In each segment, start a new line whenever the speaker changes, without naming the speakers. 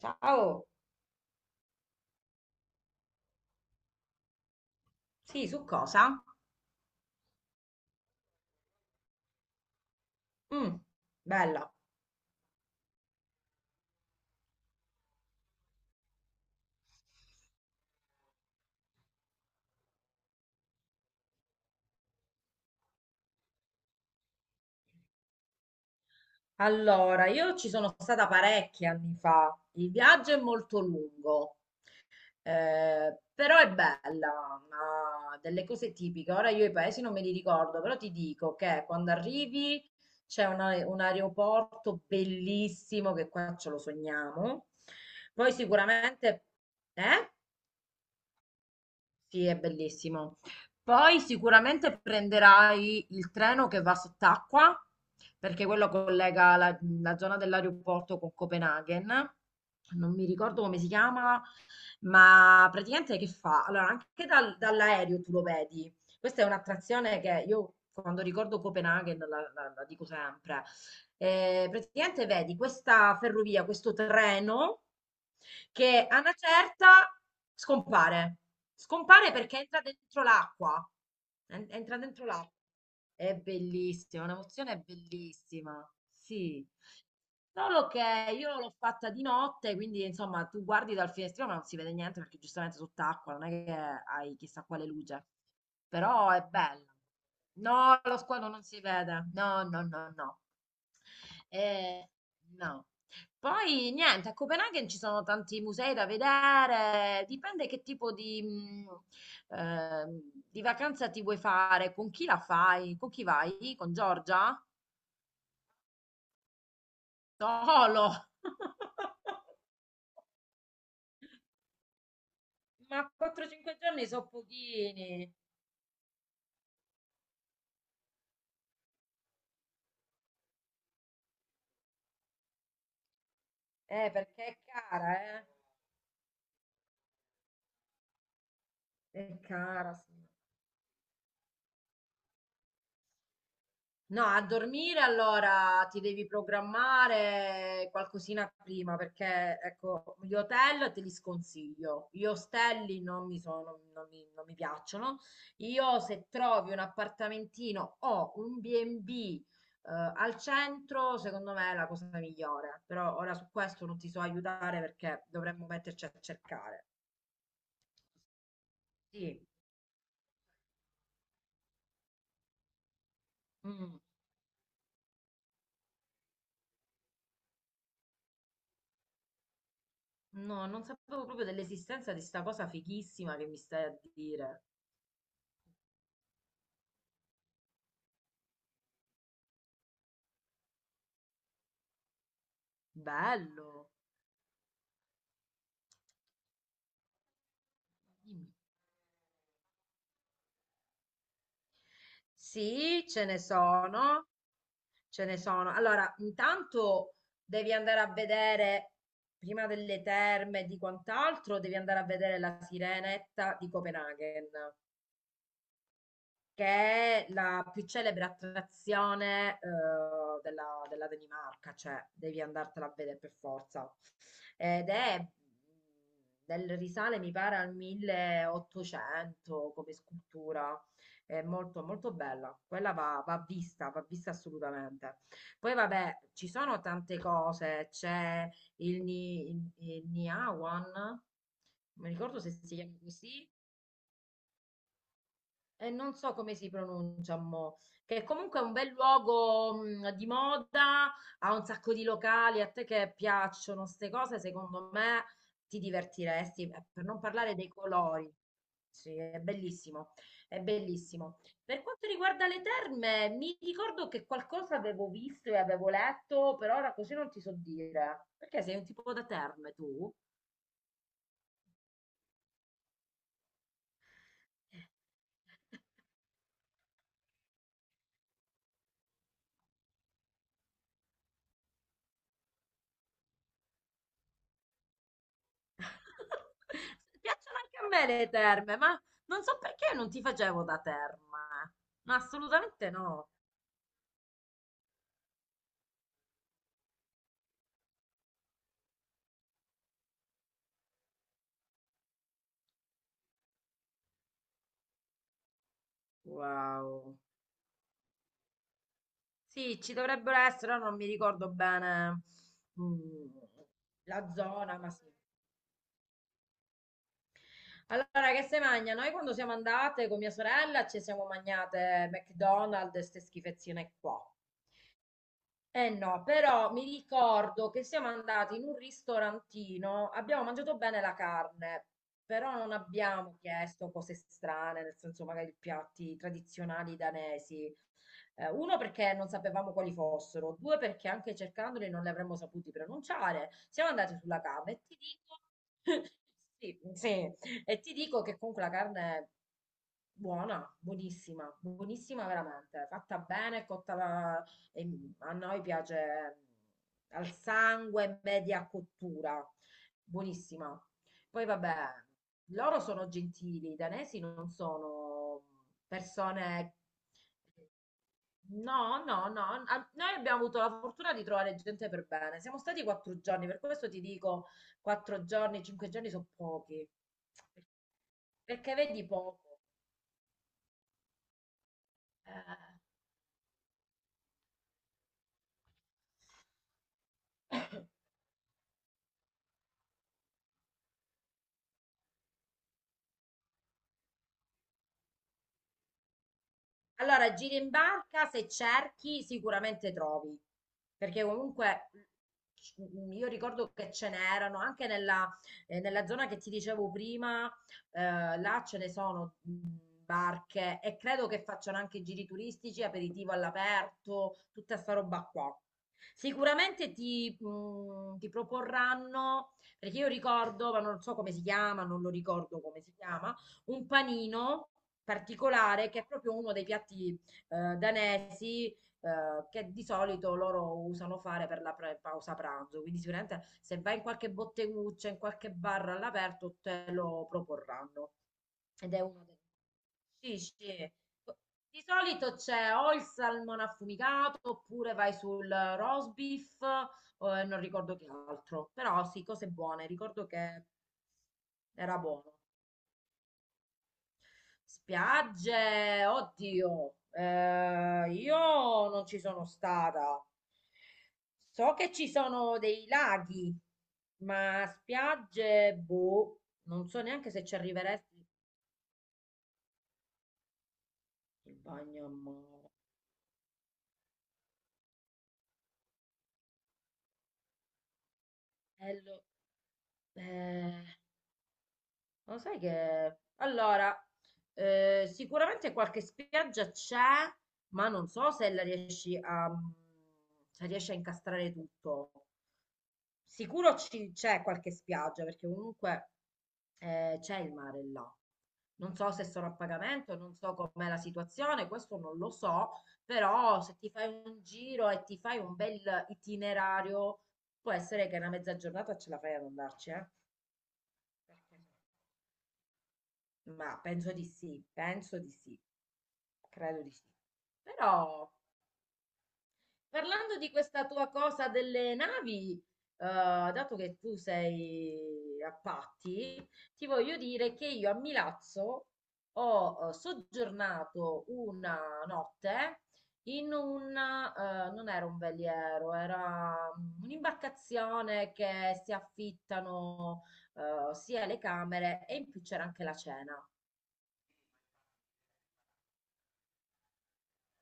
Ciao, sì, su cosa? Mm, bella. Allora, io ci sono stata parecchi anni fa. Il viaggio è molto lungo, però è bella, ha delle cose tipiche. Ora io i paesi non me li ricordo, però ti dico che quando arrivi c'è un aeroporto bellissimo che qua ce lo sogniamo. Poi sicuramente... Eh? Sì, è bellissimo. Poi sicuramente prenderai il treno che va sott'acqua, perché quello collega la zona dell'aeroporto con Copenaghen. Non mi ricordo come si chiama, ma praticamente che fa? Allora, anche dall'aereo tu lo vedi. Questa è un'attrazione che io quando ricordo Copenaghen la dico sempre. Praticamente vedi questa ferrovia, questo treno che a una certa scompare. Scompare perché entra dentro l'acqua. Entra dentro l'acqua. È bellissima, è un'emozione bellissima. Sì. Solo che io l'ho fatta di notte, quindi insomma tu guardi dal finestrino ma non si vede niente perché giustamente sott'acqua, non è che hai chissà quale luce, però è bella. No, lo squalo non si vede, no, no, no, no. Eh, no. Poi niente, a Copenaghen ci sono tanti musei da vedere, dipende che tipo di vacanza ti vuoi fare, con chi la fai, con chi vai, con Giorgia? Solo! Ma 4-5 giorni sono pochini, perché è cara, eh? È cara, sì. No, a dormire allora ti devi programmare qualcosina prima, perché ecco, gli hotel te li sconsiglio, gli ostelli non mi sono, non mi, non mi piacciono. Io se trovi un appartamentino o un B&B al centro, secondo me è la cosa migliore, però ora su questo non ti so aiutare perché dovremmo metterci a cercare. Sì. Mm, no, non sapevo proprio dell'esistenza di sta cosa fighissima che mi stai a dire. Bello. Dimmi. Sì, ce ne sono, ce ne sono. Allora, intanto devi andare a vedere, prima delle terme e di quant'altro, devi andare a vedere la Sirenetta di Copenaghen. Che è la più celebre attrazione della Danimarca, cioè devi andartela a vedere per forza. Ed è del risale, mi pare, al 1800 come scultura. È molto, molto bella. Quella va vista assolutamente. Poi, vabbè, ci sono tante cose. C'è il Niawan, non mi ricordo se si chiama così e non so come si pronuncia mo, che comunque è un bel luogo di moda, ha un sacco di locali, a te che piacciono queste cose, secondo me ti divertiresti, per non parlare dei colori. Sì, è bellissimo, è bellissimo. Per quanto riguarda le terme, mi ricordo che qualcosa avevo visto e avevo letto, per ora così non ti so dire, perché sei un tipo da terme tu? Piacciono anche a me le terme, ma non so perché non ti facevo da terma. No, assolutamente no. Wow. Sì, ci dovrebbero essere, ora non mi ricordo bene mm, la zona, ma sì. Allora, che se mangia? Noi quando siamo andate con mia sorella ci siamo mangiate McDonald's e ste schifezzine qua. Eh no, però mi ricordo che siamo andati in un ristorantino, abbiamo mangiato bene la carne, però non abbiamo chiesto cose strane, nel senso magari piatti tradizionali danesi. Uno perché non sapevamo quali fossero, due perché anche cercandoli non li avremmo saputi pronunciare. Siamo andati sulla carne e ti dico, sì, sì, e ti dico che comunque la carne è buona, buonissima, buonissima veramente, fatta bene, cotta e mm, a noi piace mm, al sangue, media cottura, buonissima. Poi vabbè, loro sono gentili, i danesi non sono mm, persone... No, no, no, noi abbiamo avuto la fortuna di trovare gente per bene. Siamo stati quattro giorni, per questo ti dico quattro giorni, cinque giorni sono pochi, perché vedi poco. Eh, Allora, giri in barca, se cerchi sicuramente trovi, perché comunque c- io ricordo che ce n'erano anche nella zona che ti dicevo prima, là ce ne sono barche e credo che facciano anche giri turistici, aperitivo all'aperto, tutta sta roba qua. Sicuramente ti proporranno, perché io ricordo, ma non so come si chiama, non lo ricordo come si chiama, un panino particolare che è proprio uno dei piatti danesi che di solito loro usano fare per la pausa pranzo. Quindi sicuramente se vai in qualche botteguccia, in qualche bar all'aperto, te lo proporranno. Ed è uno dei... Sì, sì. Di solito c'è o il salmone affumicato oppure vai sul roast beef o non ricordo che altro, però sì, cose buone. Ricordo che era buono. Spiagge, oddio, io non ci sono stata. So che ci sono dei laghi, ma spiagge, boh, non so neanche se ci arriveresti. Il bagno a mare. Lo- eh. Lo sai che... Allora, sicuramente qualche spiaggia c'è, ma non so se la riesci se riesci a incastrare tutto. Sicuro c'è qualche spiaggia, perché comunque c'è il mare là. Non so se sono a pagamento, non so com'è la situazione, questo non lo so, però se ti fai un giro e ti fai un bel itinerario, può essere che una mezza giornata ce la fai ad andarci, eh? Perché no? Ma penso di sì, credo di sì. Però parlando di questa tua cosa delle navi, dato che tu sei a Patti, ti voglio dire che io a Milazzo ho soggiornato una notte in un, non era un veliero, era mm, un'imbarcazione che si affittano sia le camere e in più c'era anche la cena.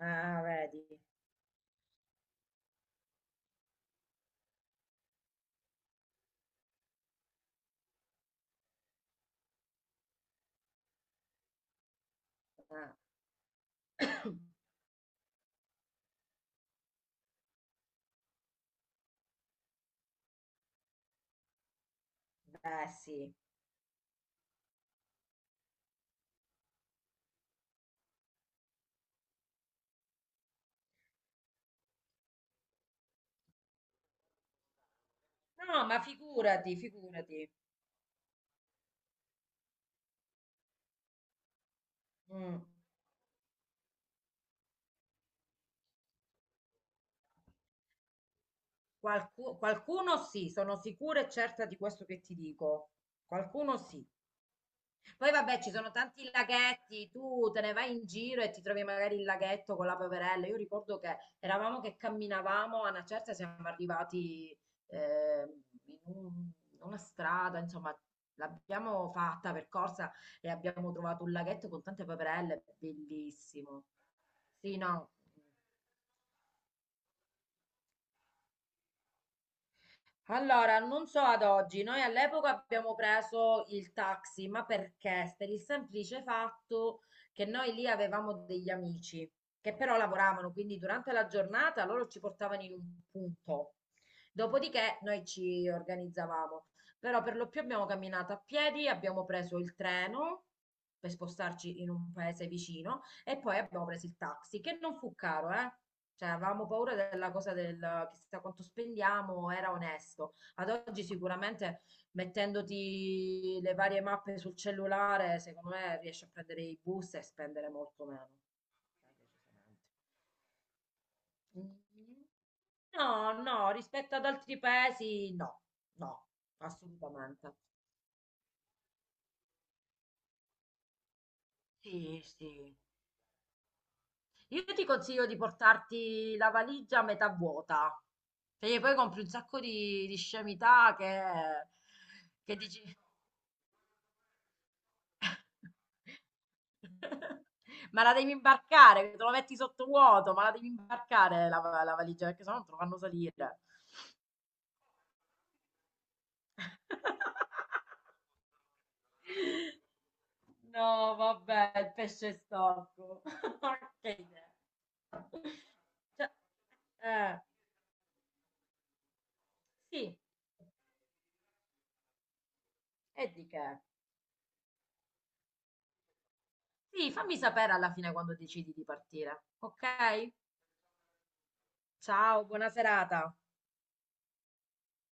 Ah, vedi. Ah, beh, sì. No, ma figurati, figurati. Mm. Qualcuno sì, sono sicura e certa di questo che ti dico. Qualcuno sì. Poi vabbè, ci sono tanti laghetti, tu te ne vai in giro e ti trovi magari il laghetto con la poverella. Io ricordo che eravamo che camminavamo, a una certa siamo arrivati eh, in un- una strada, insomma, l'abbiamo fatta percorsa e abbiamo trovato un laghetto con tante poverelle, bellissimo. Sì, no. Allora, non so ad oggi, noi all'epoca abbiamo preso il taxi, ma perché? Per il semplice fatto che noi lì avevamo degli amici che però lavoravano, quindi durante la giornata loro ci portavano in un punto. Dopodiché noi ci organizzavamo, però per lo più abbiamo camminato a piedi, abbiamo preso il treno per spostarci in un paese vicino e poi abbiamo preso il taxi, che non fu caro, eh? Cioè, avevamo paura della cosa del chissà quanto spendiamo, era onesto. Ad oggi sicuramente mettendoti le varie mappe sul cellulare, secondo me riesci a prendere i bus e spendere molto meno. Beh, decisamente. Mm, no, no, rispetto ad altri paesi, no, no, assolutamente. Sì, sì. Io ti consiglio di portarti la valigia a metà vuota, perché poi compri un sacco di scemità che dici... Ma la devi imbarcare, te lo metti sottovuoto, ma la devi imbarcare la valigia, perché sennò non te lo fanno salire. No, vabbè, il pesce storto. Che idea. Cioè, eh, sì, e di che? Sì, fammi sapere alla fine quando decidi di partire. Ok? Ciao, buona serata.